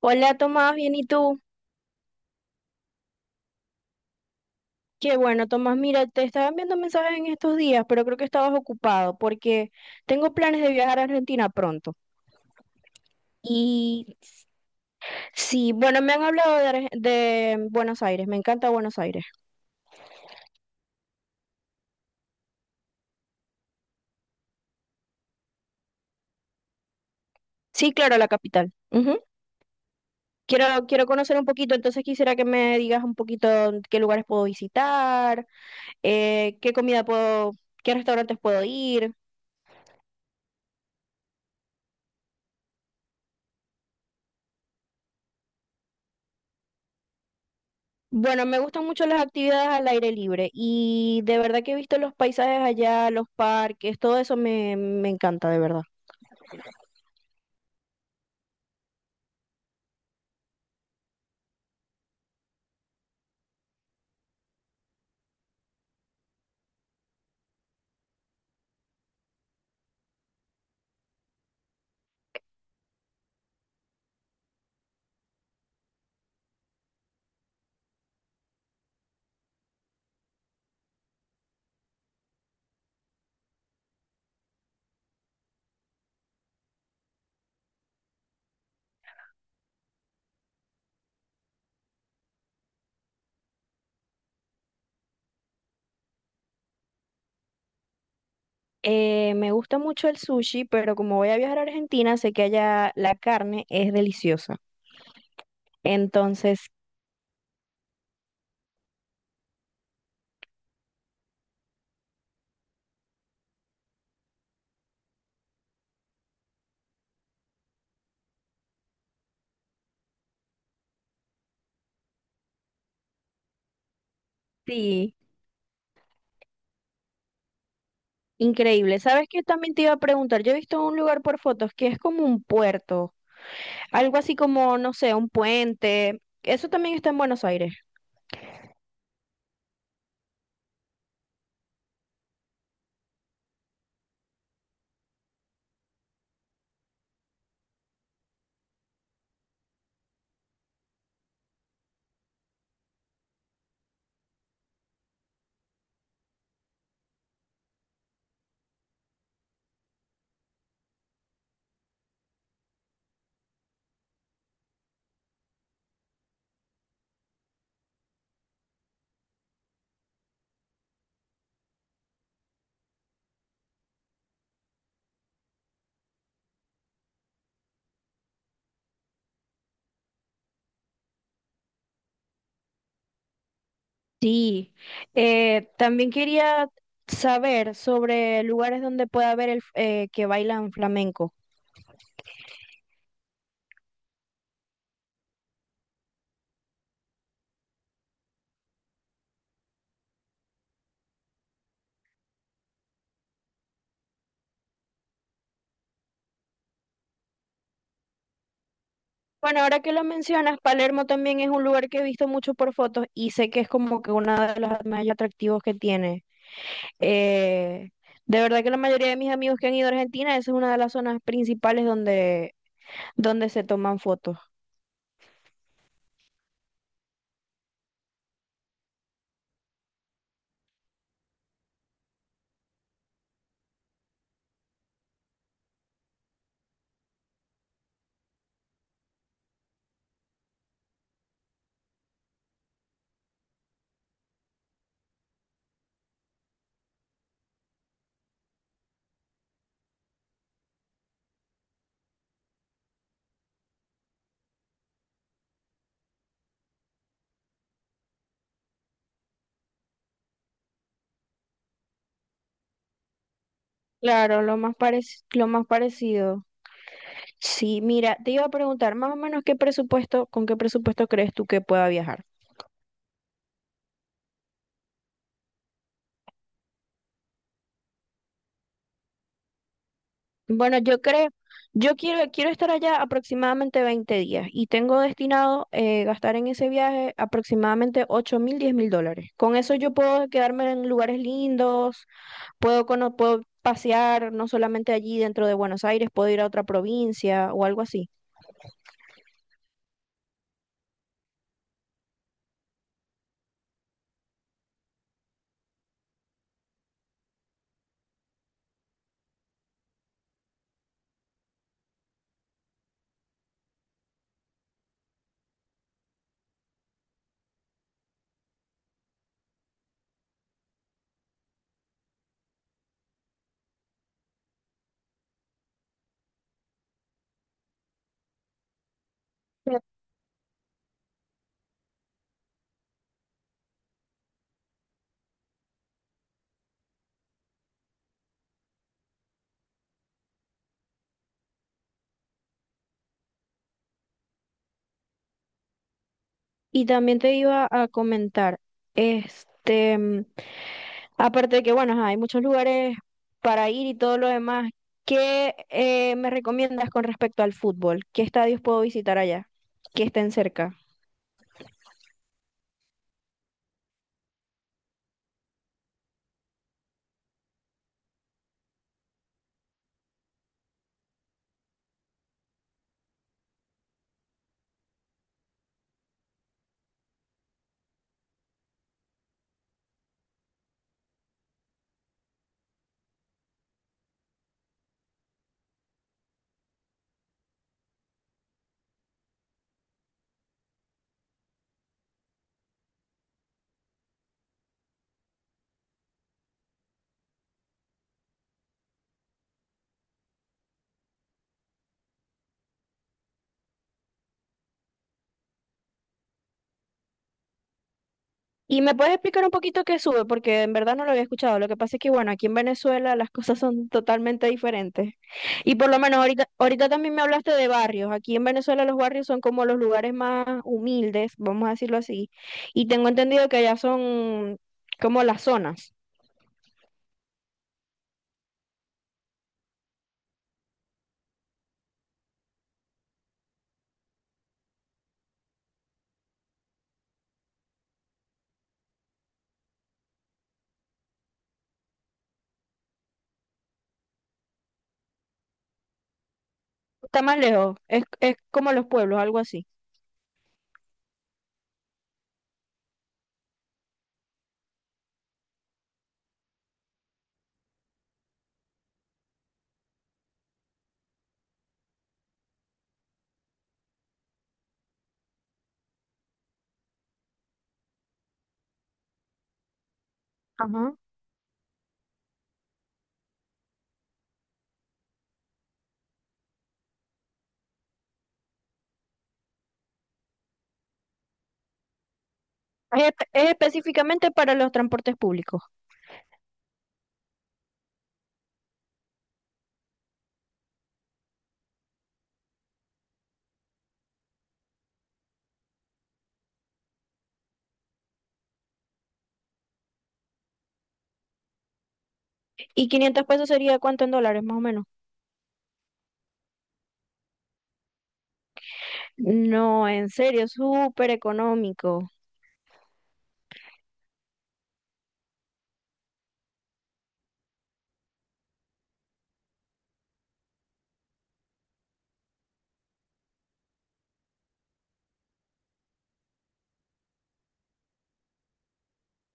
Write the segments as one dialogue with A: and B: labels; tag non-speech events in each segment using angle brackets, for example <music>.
A: Hola Tomás, bien, ¿y tú? Qué bueno, Tomás, mira, te estaba enviando mensajes en estos días, pero creo que estabas ocupado porque tengo planes de viajar a Argentina pronto. Y sí, bueno, me han hablado de, Arge- de Buenos Aires, me encanta Buenos Aires. Sí, claro, la capital. Ujú. Quiero conocer un poquito, entonces quisiera que me digas un poquito qué lugares puedo visitar, qué comida puedo, qué restaurantes puedo ir. Bueno, me gustan mucho las actividades al aire libre y de verdad que he visto los paisajes allá, los parques, todo eso me encanta, de verdad. Me gusta mucho el sushi, pero como voy a viajar a Argentina, sé que allá la carne es deliciosa. Entonces, sí, increíble. ¿Sabes qué? También te iba a preguntar, yo he visto un lugar por fotos que es como un puerto, algo así como, no sé, un puente. Eso también está en Buenos Aires. Sí, también quería saber sobre lugares donde pueda haber que bailan flamenco. Bueno, ahora que lo mencionas, Palermo también es un lugar que he visto mucho por fotos y sé que es como que uno de los más atractivos que tiene. Eh, de verdad que la mayoría de mis amigos que han ido a Argentina, esa es una de las zonas principales donde se toman fotos. Claro, lo más parecido. Sí, mira, te iba a preguntar, más o menos con qué presupuesto crees tú que pueda viajar. Bueno, yo quiero estar allá aproximadamente 20 días y tengo destinado gastar en ese viaje aproximadamente 8.000, 10.000 dólares. Con eso yo puedo quedarme en lugares lindos, puedo pasear no solamente allí dentro de Buenos Aires, puedo ir a otra provincia o algo así. Y también te iba a comentar, este, mm, aparte de que, bueno, ajá, hay muchos lugares para ir y todo lo demás. ¿Qué me recomiendas con respecto al fútbol? ¿Qué estadios puedo visitar allá que estén cerca? Y me puedes explicar un poquito qué sube, porque en verdad no lo había escuchado. Lo que pasa es que, bueno, aquí en Venezuela las <laughs> cosas son totalmente diferentes. Y por lo menos ahorita también me hablaste de barrios. Aquí en Venezuela los barrios son como los lugares más humildes, vamos a decirlo así. Y tengo entendido que allá son como las zonas. Está más lejos, es como los pueblos, algo así. Ajá. Es específicamente para los transportes públicos. ¿Y 500 pesos sería cuánto en dólares, más o menos? No, en serio, súper económico.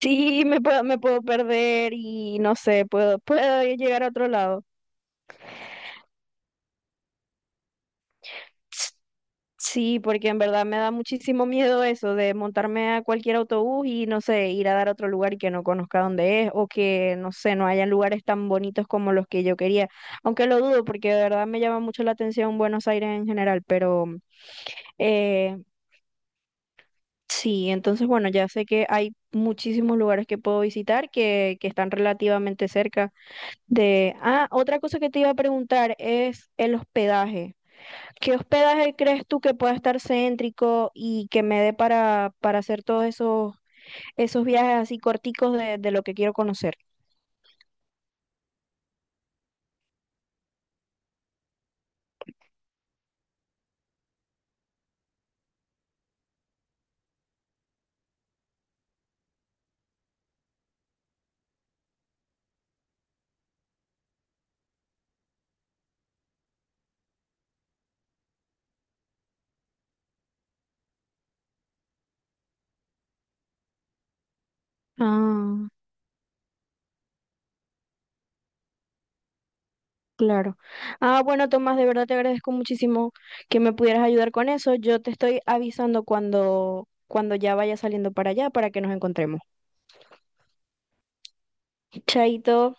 A: Sí, me puedo perder y no sé, puedo llegar a otro lado. Sí, porque en verdad me da muchísimo miedo eso de montarme a cualquier autobús y no sé, ir a dar a otro lugar que no conozca dónde es o que no sé, no hayan lugares tan bonitos como los que yo quería. Aunque lo dudo porque de verdad me llama mucho la atención Buenos Aires en general, pero Eh, sí, entonces bueno, ya sé que hay muchísimos lugares que puedo visitar que están relativamente cerca de... Ah, otra cosa que te iba a preguntar es el hospedaje. ¿Qué hospedaje crees tú que pueda estar céntrico y que me dé para hacer todos esos viajes así corticos de lo que quiero conocer? Ah. Claro. Ah, bueno, Tomás, de verdad te agradezco muchísimo que me pudieras ayudar con eso. Yo te estoy avisando cuando ya vaya saliendo para allá para que nos encontremos. Chaito.